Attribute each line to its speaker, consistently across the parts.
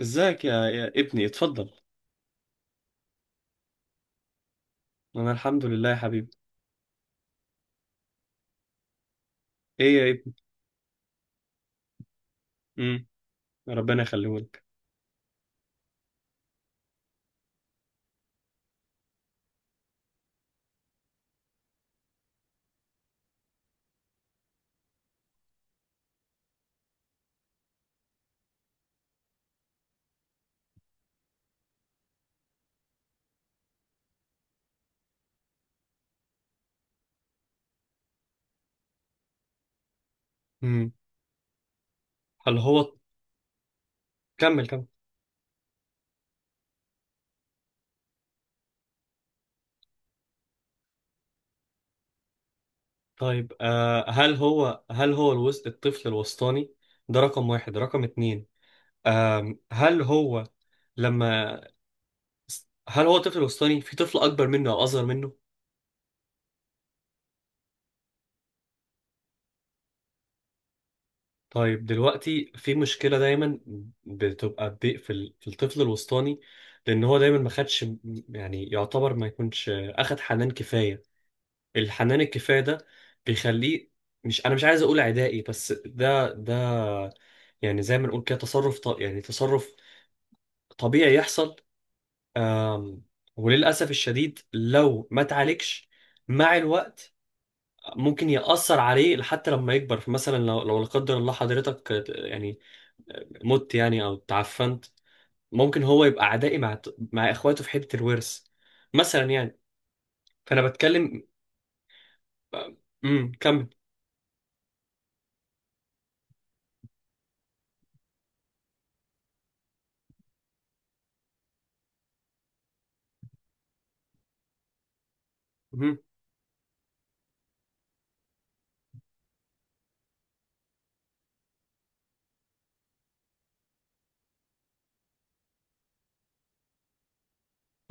Speaker 1: ازيك يا ابني، اتفضل. انا الحمد لله يا حبيبي. ايه يا ابني؟ امم ربنا يخليهولك. امم. هل هو كمل كمل؟ طيب، هل هو الوسط، الطفل الوسطاني ده رقم واحد رقم اتنين؟ هل هو، لما، هل هو طفل وسطاني؟ في طفل اكبر منه او اصغر منه؟ طيب دلوقتي في مشكلة دايما بتبقى في الطفل الوسطاني، لان هو دايما ما خدش، يعني يعتبر ما يكونش اخد حنان كفاية. الحنان الكفايه ده بيخليه، مش عايز اقول عدائي، بس ده، يعني زي ما نقول كده يعني تصرف طبيعي يحصل. آم... وللاسف الشديد لو ما اتعالجش مع الوقت، ممكن يأثر عليه حتى لما يكبر. فمثلا لو لا قدر الله حضرتك، يعني مت، يعني او تعفنت، ممكن هو يبقى عدائي مع اخواته في حته الورث مثلا، يعني. فانا بتكلم. كمل.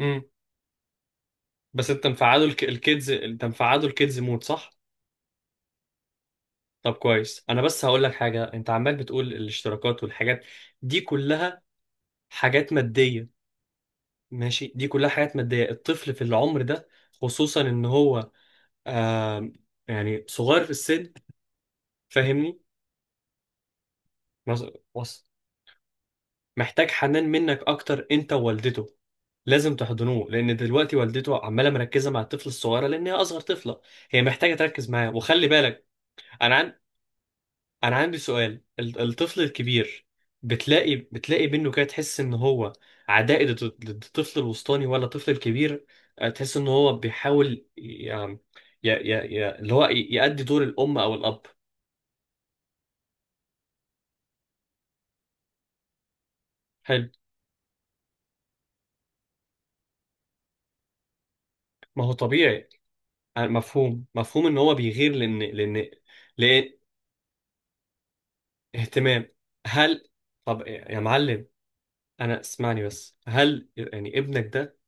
Speaker 1: مم. بس انت مفعله الكيدز مود، صح؟ طب كويس، انا بس هقول لك حاجه. انت عمال بتقول الاشتراكات والحاجات دي كلها حاجات ماديه. ماشي، دي كلها حاجات ماديه. الطفل في العمر ده، خصوصا ان هو، آه يعني صغير في السن، فاهمني؟ مز- وص- محتاج حنان منك اكتر، انت ووالدته. لازم تحضنوه، لان دلوقتي والدته عماله مركزه مع الطفل الصغيره لان هي اصغر طفله. هي محتاجه تركز معاه، وخلي بالك. انا انا عندي سؤال. الطفل الكبير، بتلاقي منه كده تحس ان هو عدائي، ضد الطفل الوسطاني ولا الطفل الكبير؟ تحس ان هو بيحاول، ي- اللي هو يأدي دور الام او الاب. حلو. ما هو طبيعي. مفهوم مفهوم ان هو بيغير، لان اهتمام. هل، طب يا معلم، انا اسمعني بس. هل يعني ابنك ده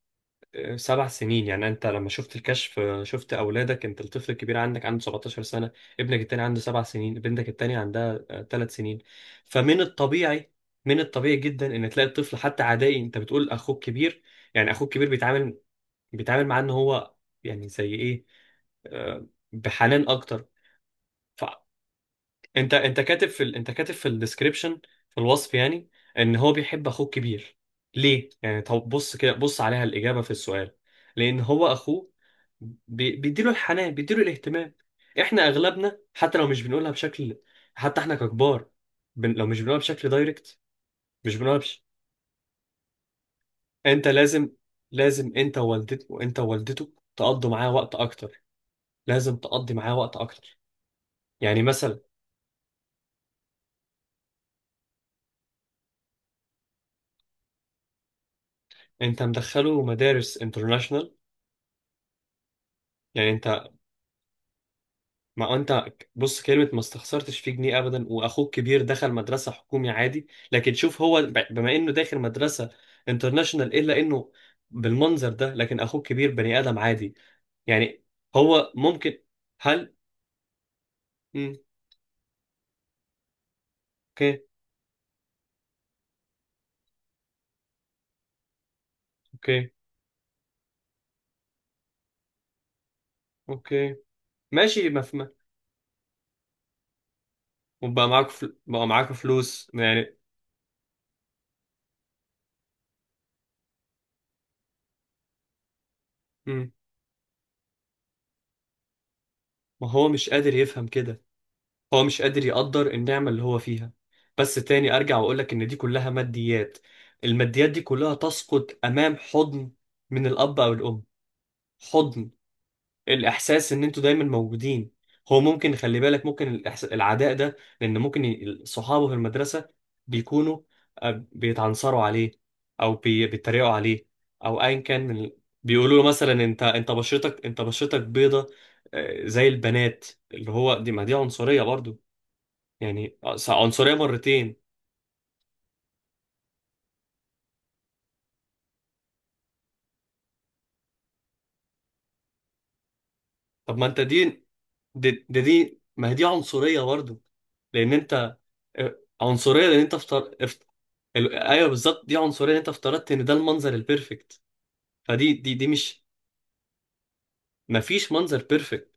Speaker 1: 7 سنين؟ يعني انت لما شفت الكشف، شفت اولادك، انت الطفل الكبير عندك عنده 17 سنه، ابنك التاني عنده 7 سنين، بنتك التانيه عندها 3 سنين. فمن الطبيعي، من الطبيعي جدا ان تلاقي الطفل حتى عدائي. انت بتقول اخوك كبير، يعني اخوك كبير بيتعامل معاه ان هو، يعني زي ايه، آه، بحنان اكتر. انت كاتب في الديسكريبشن، في الوصف يعني، ان هو بيحب اخوه الكبير. ليه؟ يعني طب بص كده، بص عليها الاجابه في السؤال. لان هو اخوه بيديله الحنان، بيديله الاهتمام. احنا اغلبنا حتى لو مش بنقولها بشكل، حتى احنا ككبار، لو مش بنقولها بشكل دايركت، مش بنقولها بش... انت لازم، لازم انت ووالدته، وانت ووالدته تقضوا معاه وقت اكتر. لازم تقضي معاه وقت اكتر. يعني مثلا انت مدخله مدارس انترناشونال يعني. ما انت، بص، كلمة ما استخسرتش فيه جنيه ابدا، واخوك كبير دخل مدرسة حكومي عادي. لكن شوف هو بما انه داخل مدرسة انترناشونال، الا انه بالمنظر ده، لكن اخوك كبير بني ادم عادي يعني. هو ممكن، هل، مم، اوكي، اوكي، اوكي، ماشي مفهوم. وبقى معاك بقى معاك فلوس يعني. مم. ما هو مش قادر يفهم كده. هو مش قادر يقدر النعمة اللي هو فيها. بس تاني أرجع وأقولك إن دي كلها ماديات. الماديات دي كلها تسقط أمام حضن من الأب أو الأم، حضن، الإحساس إن أنتوا دايما موجودين. هو ممكن، خلي بالك، ممكن العداء ده لأن ممكن صحابه في المدرسة بيكونوا، بيتعنصروا عليه، أو بيتريقوا عليه، أو أيا كان من بيقولوا له مثلا أنت بشرتك، بيضة، زي البنات، اللي هو دي، ما دي عنصرية برضو. يعني عنصرية مرتين. طب ما انت دي، دي ما هي دي عنصرية برضو، لان انت، عنصرية لان انت ايوه، بالظبط، دي عنصرية لان انت افترضت ان ده المنظر البيرفكت. فدي دي دي مش، ما فيش منظر بيرفكت.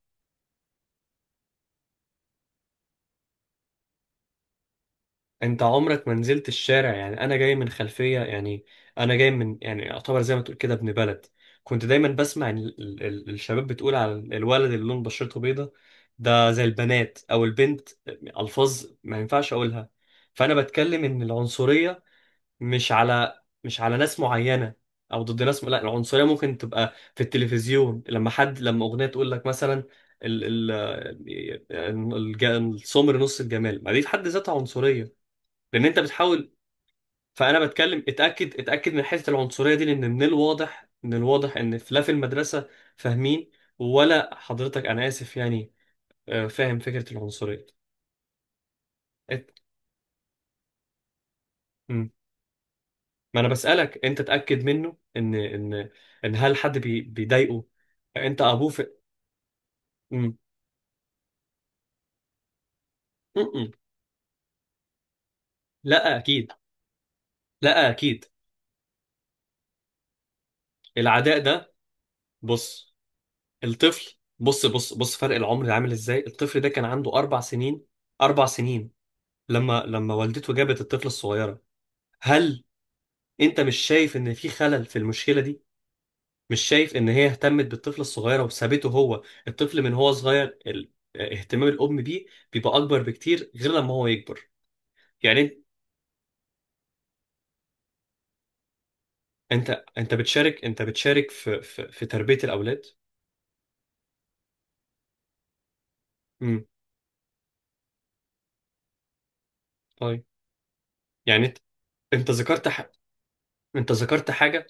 Speaker 1: انت عمرك ما نزلت الشارع، يعني انا جاي من خلفيه يعني، انا جاي من، يعني اعتبر زي ما تقول كده ابن بلد. كنت دايما بسمع إن الشباب بتقول على الولد اللي لون بشرته بيضه ده زي البنات او البنت، الفاظ ما ينفعش اقولها. فانا بتكلم ان العنصريه مش على، ناس معينه، او ضد ناس. لا، العنصريه ممكن تبقى في التلفزيون، لما اغنيه تقول لك مثلا، ال ال السمر نص الجمال. ما دي في حد ذاتها عنصريه، لان انت بتحاول. فانا بتكلم، اتاكد، من حته العنصريه دي، لان من الواضح، ان لا، في المدرسه، فاهمين، ولا حضرتك؟ انا اسف يعني. فاهم فكره العنصريه. ات... مم. ما انا بسالك، انت اتاكد منه، ان ان ان هل حد بيضايقه؟ انت ابوه مم. مم. لا اكيد، لا اكيد. العداء ده، بص، الطفل، بص بص بص، فرق العمر ده عامل ازاي؟ الطفل ده كان عنده 4 سنين، 4 سنين لما والدته جابت الطفلة الصغيرة. هل انت مش شايف ان في خلل في المشكلة دي؟ مش شايف ان هي اهتمت بالطفل الصغيرة وسابته هو؟ الطفل من هو صغير، اهتمام الام بيه بيبقى اكبر بكتير غير لما هو يكبر. يعني انت بتشارك، في تربية الاولاد؟ امم، طيب، يعني انت، انت ذكرت انت ذكرت حاجة.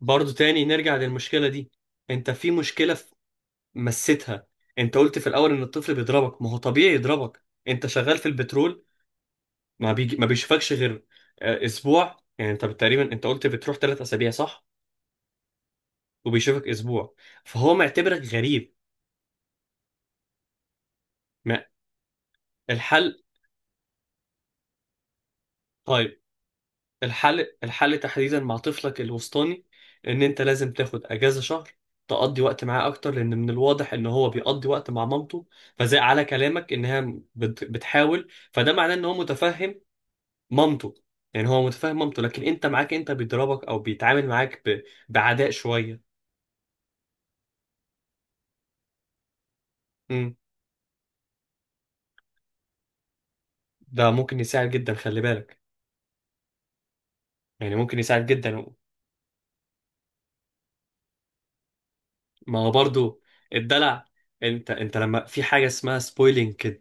Speaker 1: برضو تاني نرجع للمشكلة دي. انت في مشكلة مسيتها. انت قلت في الاول ان الطفل بيضربك. ما هو طبيعي يضربك، انت شغال في البترول، ما بيجي ما بيشوفكش غير، اسبوع. يعني انت تقريبا، انت قلت بتروح 3 اسابيع، صح؟ وبيشوفك اسبوع، فهو معتبرك غريب. ما الحل طيب؟ الحل، تحديدا مع طفلك الوسطاني، ان انت لازم تاخد اجازة شهر، تقضي وقت معاه اكتر، لان من الواضح ان هو بيقضي وقت مع مامته. فزي على كلامك انها بتحاول، فده معناه ان هو متفهم مامته، يعني هو متفاهم مامته. لكن انت معاك انت بيضربك او بيتعامل معاك بعداء شويه. امم، ده ممكن يساعد جدا، خلي بالك، يعني ممكن يساعد جدا. ما هو برضو الدلع، انت لما في حاجه اسمها سبويلينج كده،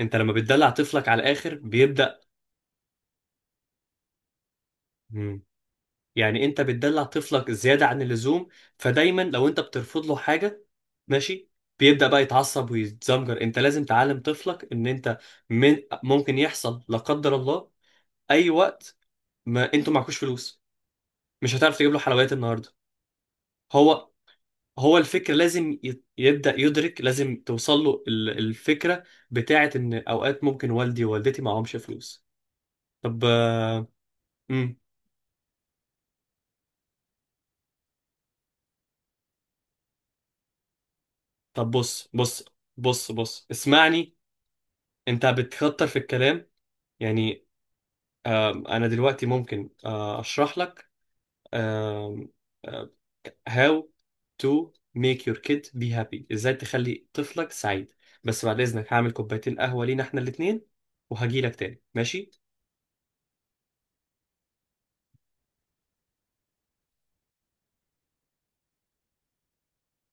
Speaker 1: انت لما بتدلع طفلك على الاخر بيبدا. مم. يعني انت بتدلع طفلك زياده عن اللزوم، فدايما لو انت بترفض له حاجه، ماشي، بيبدأ بقى يتعصب ويتزمجر. انت لازم تعلم طفلك ان انت، من، ممكن يحصل لا قدر الله اي وقت، ما انتوا معكوش فلوس، مش هتعرف تجيب له حلويات النهارده. هو هو الفكر لازم يبدأ يدرك. لازم توصل له الفكرة بتاعة ان اوقات ممكن والدي ووالدتي معهمش فلوس. طب، امم طب بص، بص بص بص، اسمعني. انت بتكتر في الكلام يعني، انا دلوقتي ممكن، اشرح لك آم، آم، how to make your kid be happy. ازاي تخلي طفلك سعيد؟ بس بعد اذنك، هعمل كوبايتين قهوة لينا احنا الاتنين، وهجيلك تاني، ماشي.